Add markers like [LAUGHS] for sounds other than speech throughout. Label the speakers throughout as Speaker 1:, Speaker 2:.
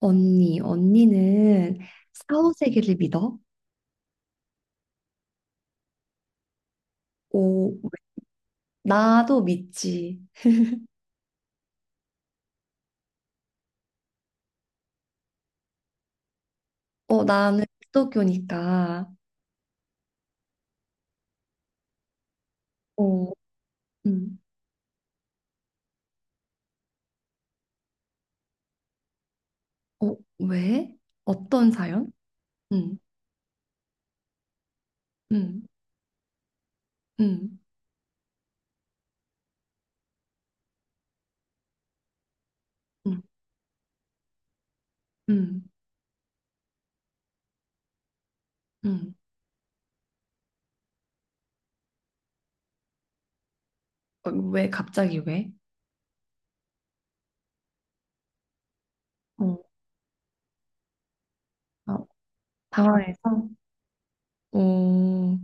Speaker 1: 언니, 언니는 사후세계를 믿어? 오, 나도 믿지. 어, 나는 기독교니까. 어, 음, 어, 왜? 어떤 사연? 음, 음, 음, 음, 응, 응. 어, 왜 갑자기 왜? 어, 어, 당황해서. 오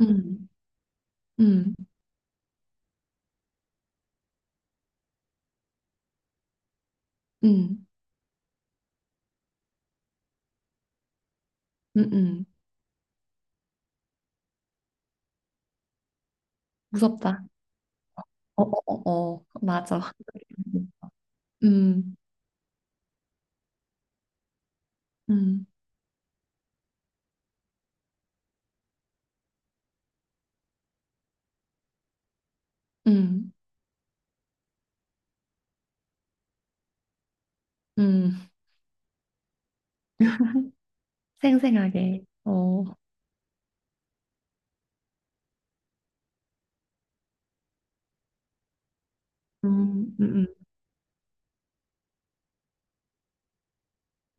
Speaker 1: 음, 음, 음, 응. 무섭다. 어, 어, 어, 어, 맞아. 음, 음, 음, 음. 음. 생생하게. 어, 음, 음,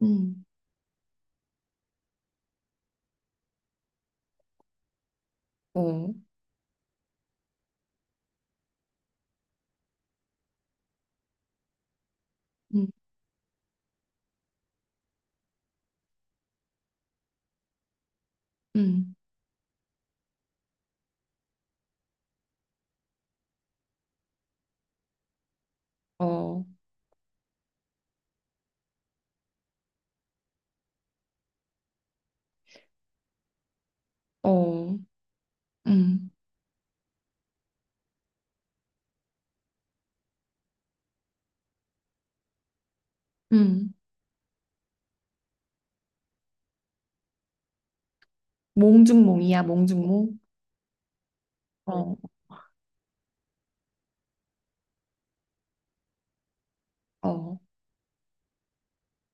Speaker 1: 음, 음. 어, 음, 음, 어, 어, 음, 음. 몽중몽이야, 몽중몽. 어, 어.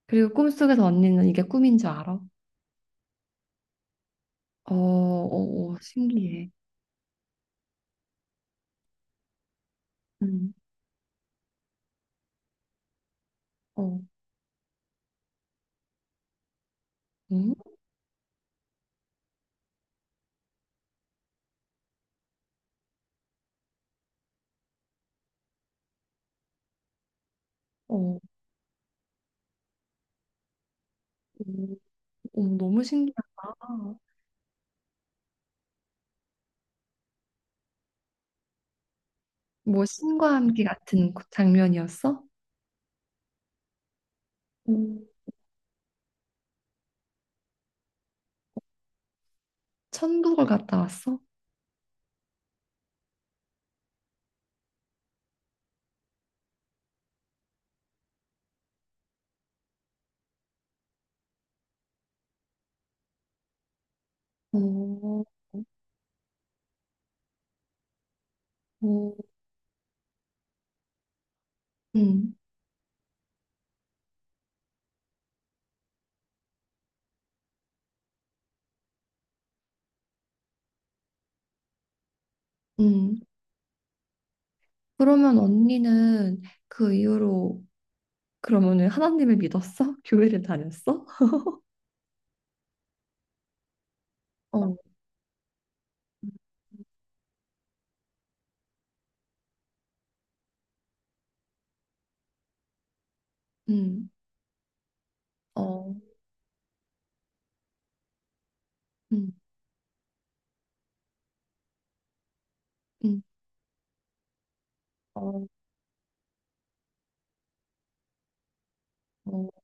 Speaker 1: 그리고 꿈속에서 언니는 이게 꿈인 줄 알아? 어, 어, 어, 신기해. 음, 어, 음, 어, 어, 어, 너무 신기하다. 뭐 신과 함께 같은 그 장면이었어? 오, 천국을 갔다 왔어? 오, 오, 음, 음. 그러면 언니는 그 이후로 그러면은 하나님을 믿었어? [LAUGHS] 교회를 다녔어? 어, 음, 어, 음, 음, 어, 어.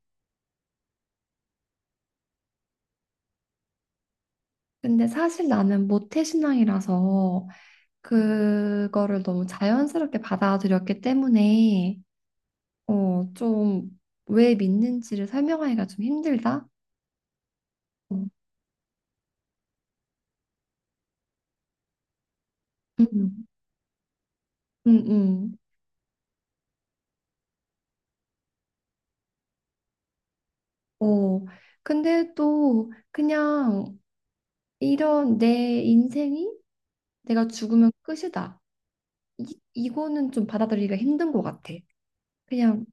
Speaker 1: 근데 사실 나는 모태신앙이라서 그거를 너무 자연스럽게 받아들였기 때문에 어, 좀 왜 믿는지를 설명하기가 좀 힘들다. 어. 음, 음, 음. 어, 근데 또 그냥 이런 내 인생이 내가 죽으면 끝이다. 이거는 좀 받아들이기가 힘든 것 같아. 그냥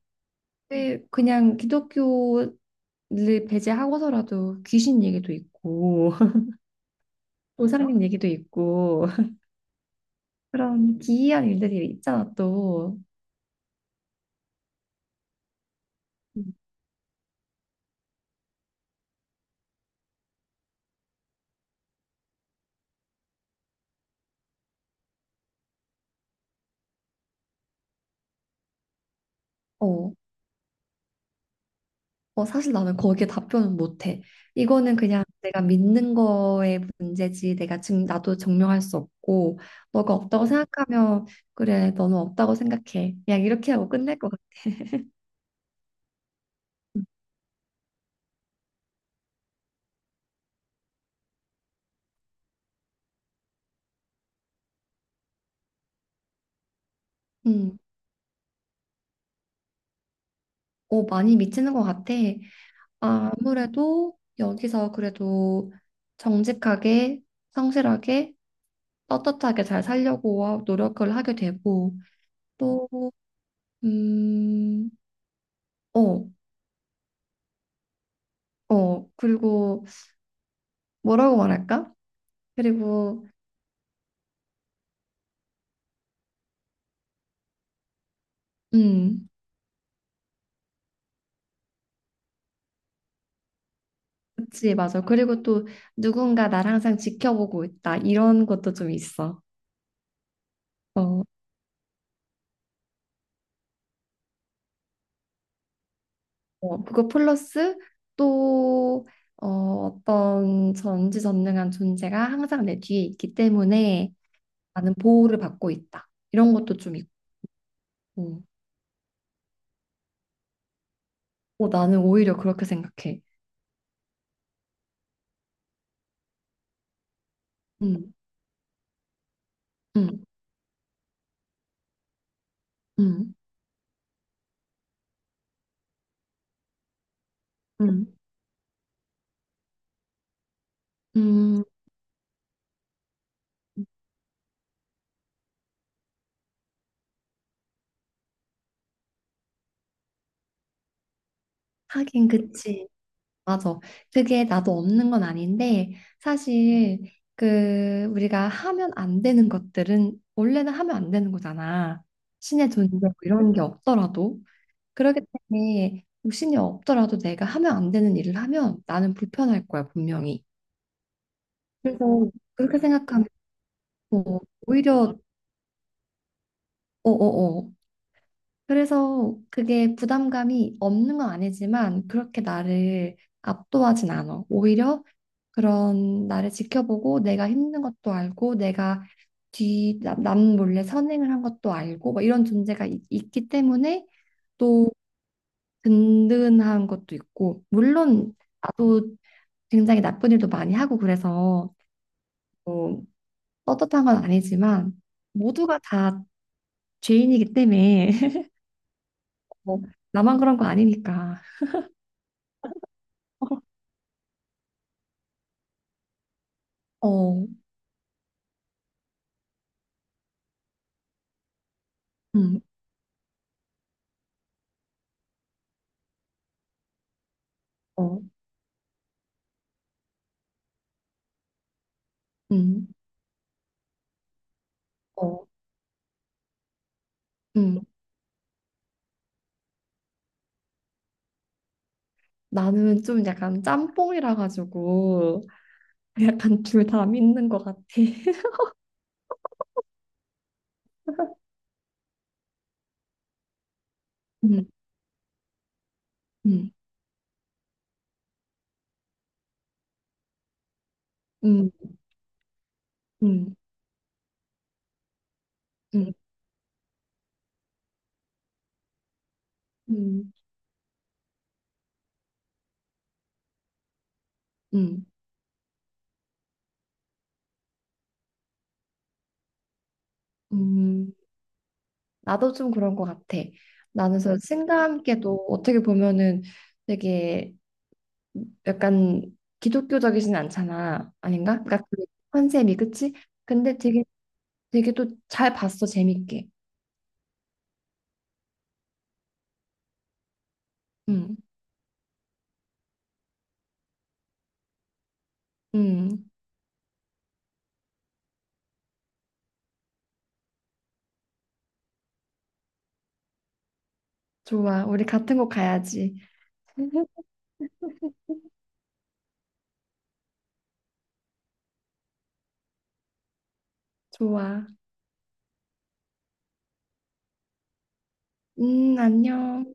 Speaker 1: 왜 그냥 기독교를 배제하고서라도 귀신 얘기도 있고 [LAUGHS] 보살님 얘기도 있고 [LAUGHS] 그런 기이한 일들이 있잖아 또. 음. 어, 어, 사실 나는 거기에 답변은 못해. 이거는 그냥 내가 믿는 거의 문제지. 내가 지금 나도 증명할 수 없고 너가 없다고 생각하면 그래 너는 없다고 생각해. 그냥 이렇게 하고 끝낼 것 같아. 음. 오 많이 미치는 것 같아. 아, 아무래도 여기서 그래도 정직하게, 성실하게, 떳떳하게 잘 살려고 노력을 하게 되고, 또, 음, 어, 어, 그리고 뭐라고 말할까? 그리고, 음, 그치, 맞아. 그리고 또 누군가 나를 항상 지켜보고 있다. 이런 것도 좀 있어. 어. 어, 그거 플러스 또 어, 어떤 전지전능한 존재가 항상 내 뒤에 있기 때문에 나는 보호를 받고 있다. 이런 것도 좀 있고. 어, 나는 오히려 그렇게 생각해. 음, 음, 음, 음, 음. 하긴 그치. 맞아. 그게 나도 없는 건 아닌데 사실 그 우리가 하면 안 되는 것들은 원래는 하면 안 되는 거잖아. 신의 존재 뭐 이런 게 없더라도. 그렇기 때문에 육신이 없더라도 내가 하면 안 되는 일을 하면 나는 불편할 거야, 분명히. 그래서 그렇게 생각하면 뭐 오히려 어어어. 그래서 그게 부담감이 없는 건 아니지만 그렇게 나를 압도하진 않아. 오히려 그런 나를 지켜보고 내가 힘든 것도 알고 내가 뒤 남 몰래 선행을 한 것도 알고 뭐 이런 존재가 있기 때문에 또 든든한 것도 있고 물론 나도 굉장히 나쁜 일도 많이 하고 그래서 뭐 떳떳한 건 아니지만 모두가 다 죄인이기 때문에 [LAUGHS] 뭐 나만 그런 거 아니니까 어, 음, 어, 음, 어, 음. 나는 좀 약간 짬뽕이라 가지고 [LAUGHS] 약간 둘 다 믿는 것 같아. [LAUGHS] 음, 음, 음, 음, 음, 음, 음, 음. 나도 좀 그런 것 같아. 나는 그래서 친구와 함께도 어떻게 보면은 되게 약간 기독교적이진 않잖아. 아닌가? 그러니까 그 컨셉이 그치? 근데 되게 되게 또 잘 봤어. 재밌게. 음. 음. 좋아. 우리 같은 곳 가야지. 좋아. 안녕.